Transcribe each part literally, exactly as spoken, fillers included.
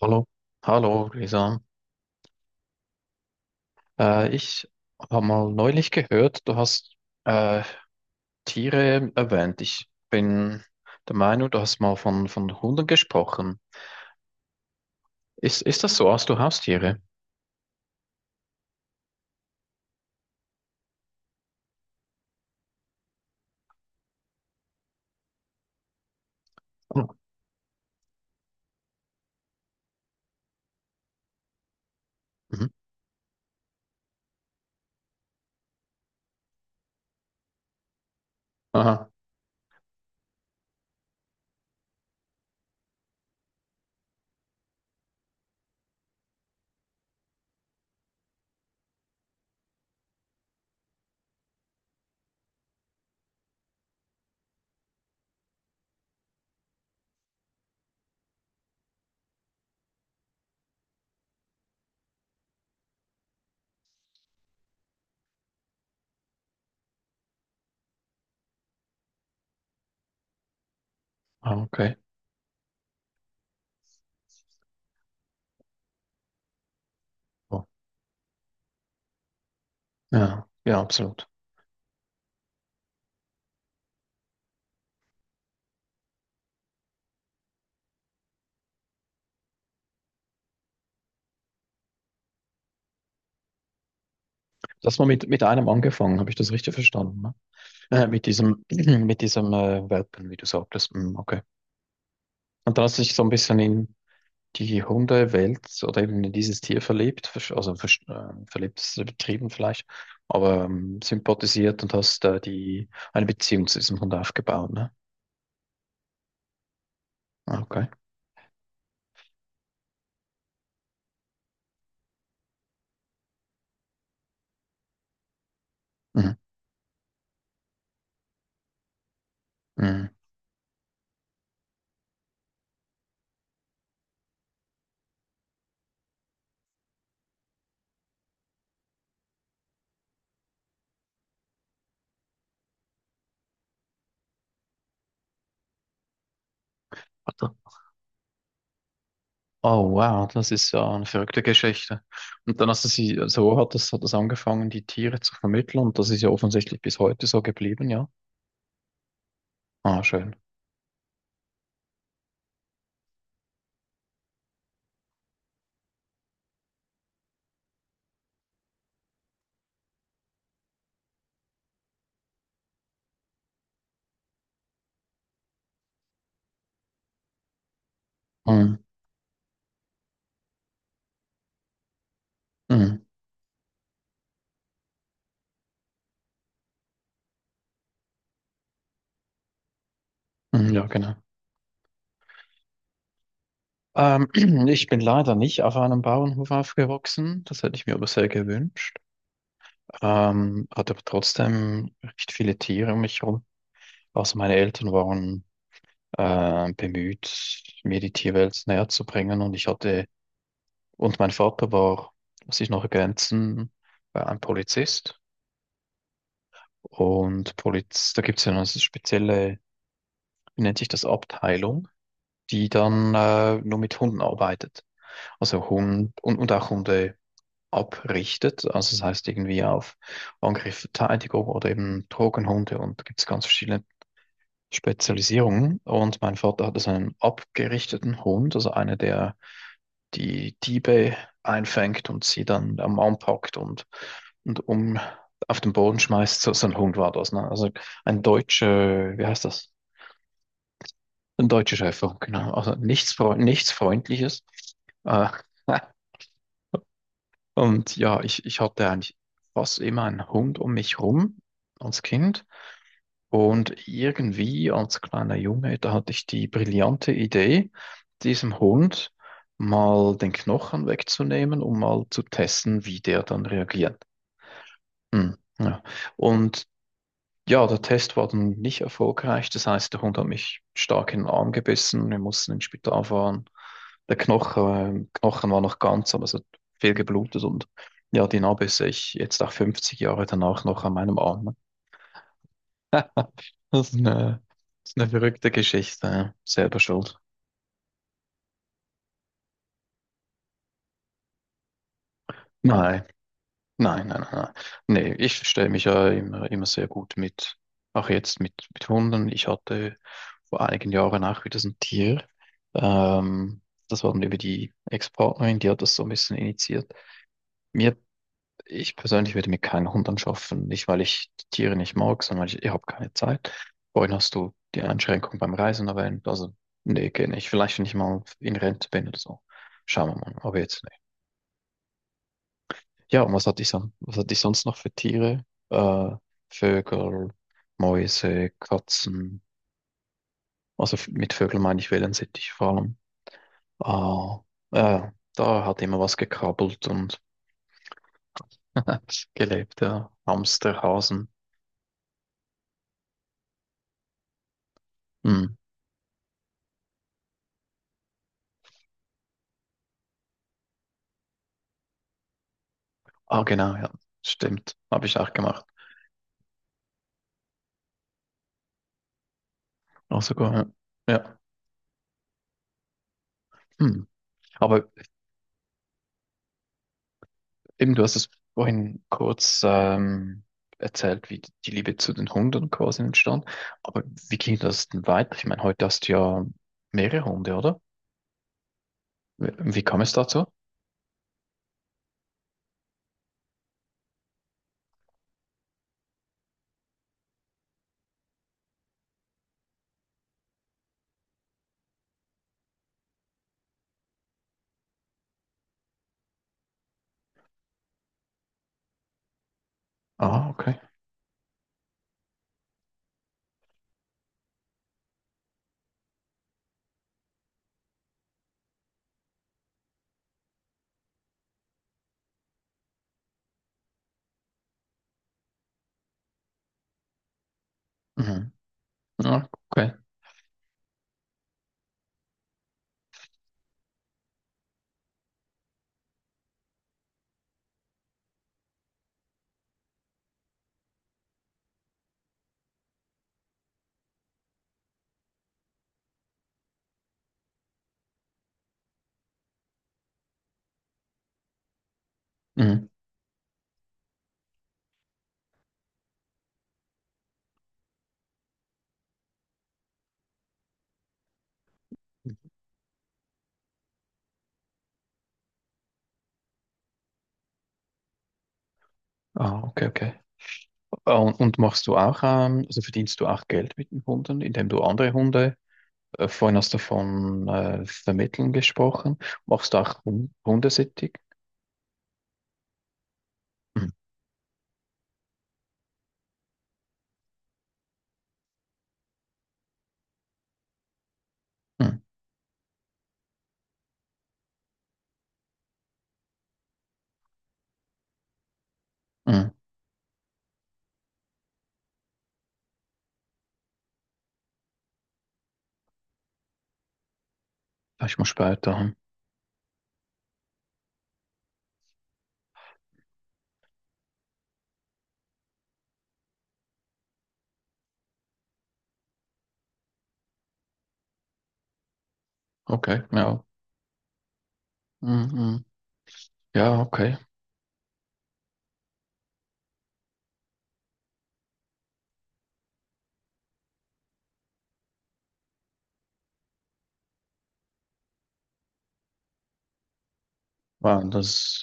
Hallo, hallo Lisa. Äh, ich habe mal neulich gehört, du hast äh, Tiere erwähnt. Ich bin der Meinung, du hast mal von, von Hunden gesprochen. Ist, ist das so? Hast du Haustiere? Oh. Mhm. Aha, ah, okay. Oh. Ja, ja, absolut. Das mal mit, mit einem angefangen, habe ich das richtig verstanden? Ne? Äh, mit diesem, mit diesem äh, Welpen, wie du sagtest. Mm, okay. Und dann hast du dich so ein bisschen in die Hundewelt oder eben in dieses Tier verliebt, versch- also versch- äh, verliebt ist übertrieben vielleicht, aber ähm, sympathisiert und hast da die, eine Beziehung zu diesem Hund aufgebaut, ne? Ah, okay. Mhm. Mhm. Warte. Oh wow, das ist ja eine verrückte Geschichte. Und dann hast du sie, so hat das, hat das angefangen, die Tiere zu vermitteln, und das ist ja offensichtlich bis heute so geblieben, ja. Ah, schön. Mhm. Mhm. Mhm. Ja, genau. Ähm, ich bin leider nicht auf einem Bauernhof aufgewachsen, das hätte ich mir aber sehr gewünscht. Ähm, hatte aber trotzdem recht viele Tiere um mich herum. Also meine Eltern waren äh, bemüht, mir die Tierwelt näher zu bringen und ich hatte, und mein Vater war, muss ich noch ergänzen, äh, ein Polizist. Und Poliz, da gibt es ja eine spezielle, wie nennt sich das, Abteilung, die dann äh, nur mit Hunden arbeitet. Also Hund und, und auch Hunde abrichtet. Also das heißt irgendwie auf Angriff, Verteidigung oder eben Drogenhunde, und da gibt es ganz verschiedene Spezialisierungen, und mein Vater hatte seinen abgerichteten Hund, also einer, der die Diebe einfängt und sie dann am Arm packt und, und um auf den Boden schmeißt. So, so ein Hund war das, ne? Also ein deutscher, wie heißt das? Ein deutscher Schäfer, genau. Also nichts, Freu- nichts Freundliches. Äh, und ja, ich, ich hatte eigentlich fast immer einen Hund um mich rum als Kind. Und irgendwie als kleiner Junge, da hatte ich die brillante Idee, diesem Hund mal den Knochen wegzunehmen, um mal zu testen, wie der dann reagiert. Hm, ja. Und ja, der Test war dann nicht erfolgreich. Das heißt, der Hund hat mich stark in den Arm gebissen. Wir mussten ins Spital fahren. Der Knochen, Knochen war noch ganz, aber es hat viel geblutet, und ja, die Narbe sehe ich jetzt auch fünfzig Jahre danach noch an meinem Arm. Das ist eine, das ist eine verrückte Geschichte. Ja. Selber schuld. Nein, nein, nein, nein, nein. Nee, ich verstehe mich ja immer, immer sehr gut mit, auch jetzt mit, mit Hunden. Ich hatte vor einigen Jahren auch wieder so ein Tier. Ähm, das war dann über die Ex-Partnerin, die hat das so ein bisschen initiiert. Mir, ich persönlich würde mir keinen Hund anschaffen. Nicht, weil ich die Tiere nicht mag, sondern weil ich, ich habe keine Zeit Vorhin hast du die Einschränkung beim Reisen erwähnt. Also nee, geht nicht. Vielleicht, wenn ich mal in Rente bin oder so. Schauen wir mal. Aber jetzt nicht. Ja, und was hatte ich, son- was hatte ich sonst noch für Tiere? Äh, Vögel, Mäuse, Katzen. Also f- mit Vögeln meine ich Wellensittich vor allem. Ah, äh, da hat immer was gekrabbelt und gelebt, ja. Hamster, Hasen. Hm. Ah, genau, ja. Stimmt. Habe ich auch gemacht. Auch sogar, ja. Ja. Hm. Aber eben, du hast es vorhin kurz ähm, erzählt, wie die Liebe zu den Hunden quasi entstand. Aber wie ging das denn weiter? Ich meine, heute hast du ja mehrere Hunde, oder? Wie, wie kam es dazu? Ah, okay. Mhm. Ah, okay. Mhm. Ah, okay, okay. Ah, Und, und machst du auch, ähm, also verdienst du auch Geld mit den Hunden, indem du andere Hunde? Äh, Vorhin hast du von äh, Vermitteln gesprochen. Machst du auch Hun- Hundesittig? Hm, hm, hm. Ja, ich muss später. Hm. Okay, ja. Hm, hm. Ja, okay. Wow, das,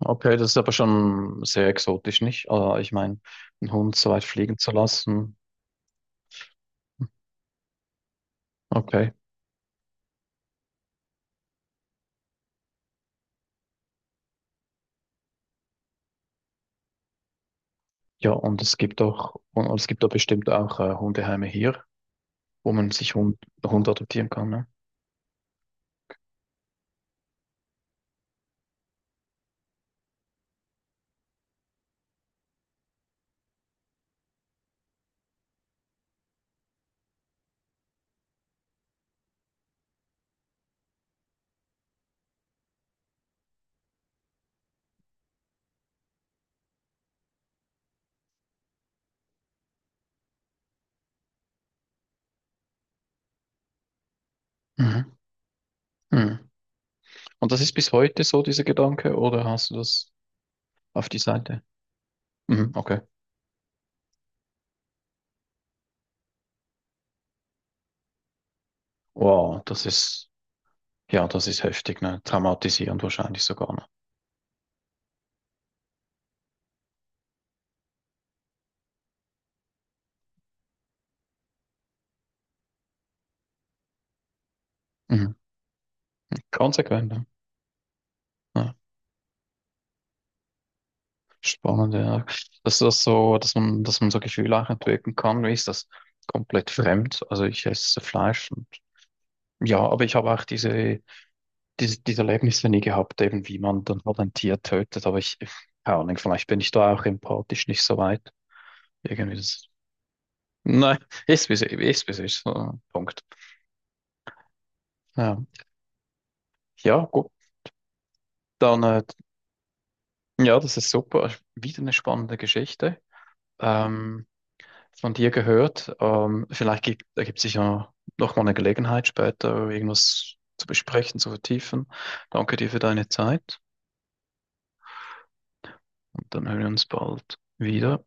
okay, das ist aber schon sehr exotisch, nicht? Äh, ich meine, einen Hund so weit fliegen zu lassen. Okay. Ja, und es gibt auch, und es gibt da bestimmt auch äh, Hundeheime hier, wo man sich Hund, Hund adoptieren kann, ne? Mhm. Mhm. Und das ist bis heute so, dieser Gedanke, oder hast du das auf die Seite? Mhm. Okay. Wow, das ist, ja, das ist heftig, ne? Traumatisierend wahrscheinlich sogar, ne? Mhm. Konsequent, ne? Ja, spannend, ja. Dass das so, dass man, dass man so Gefühle auch entwickeln kann, wie ist das? Komplett fremd. Also ich esse Fleisch, und ja, aber ich habe auch diese, diese, diese Erlebnisse nie gehabt, eben wie man dann halt ein Tier tötet, aber ich, keine Ahnung, vielleicht bin ich da auch empathisch nicht so weit. Irgendwie das, nein, ist wie es ist, wie es ist. äh, Punkt. Ja, ja, gut. Dann äh, ja, das ist super. Wieder eine spannende Geschichte. Ähm, von dir gehört. Ähm, vielleicht gibt, ergibt sich ja noch mal eine Gelegenheit später, irgendwas zu besprechen, zu vertiefen. Danke dir für deine Zeit, und dann hören wir uns bald wieder.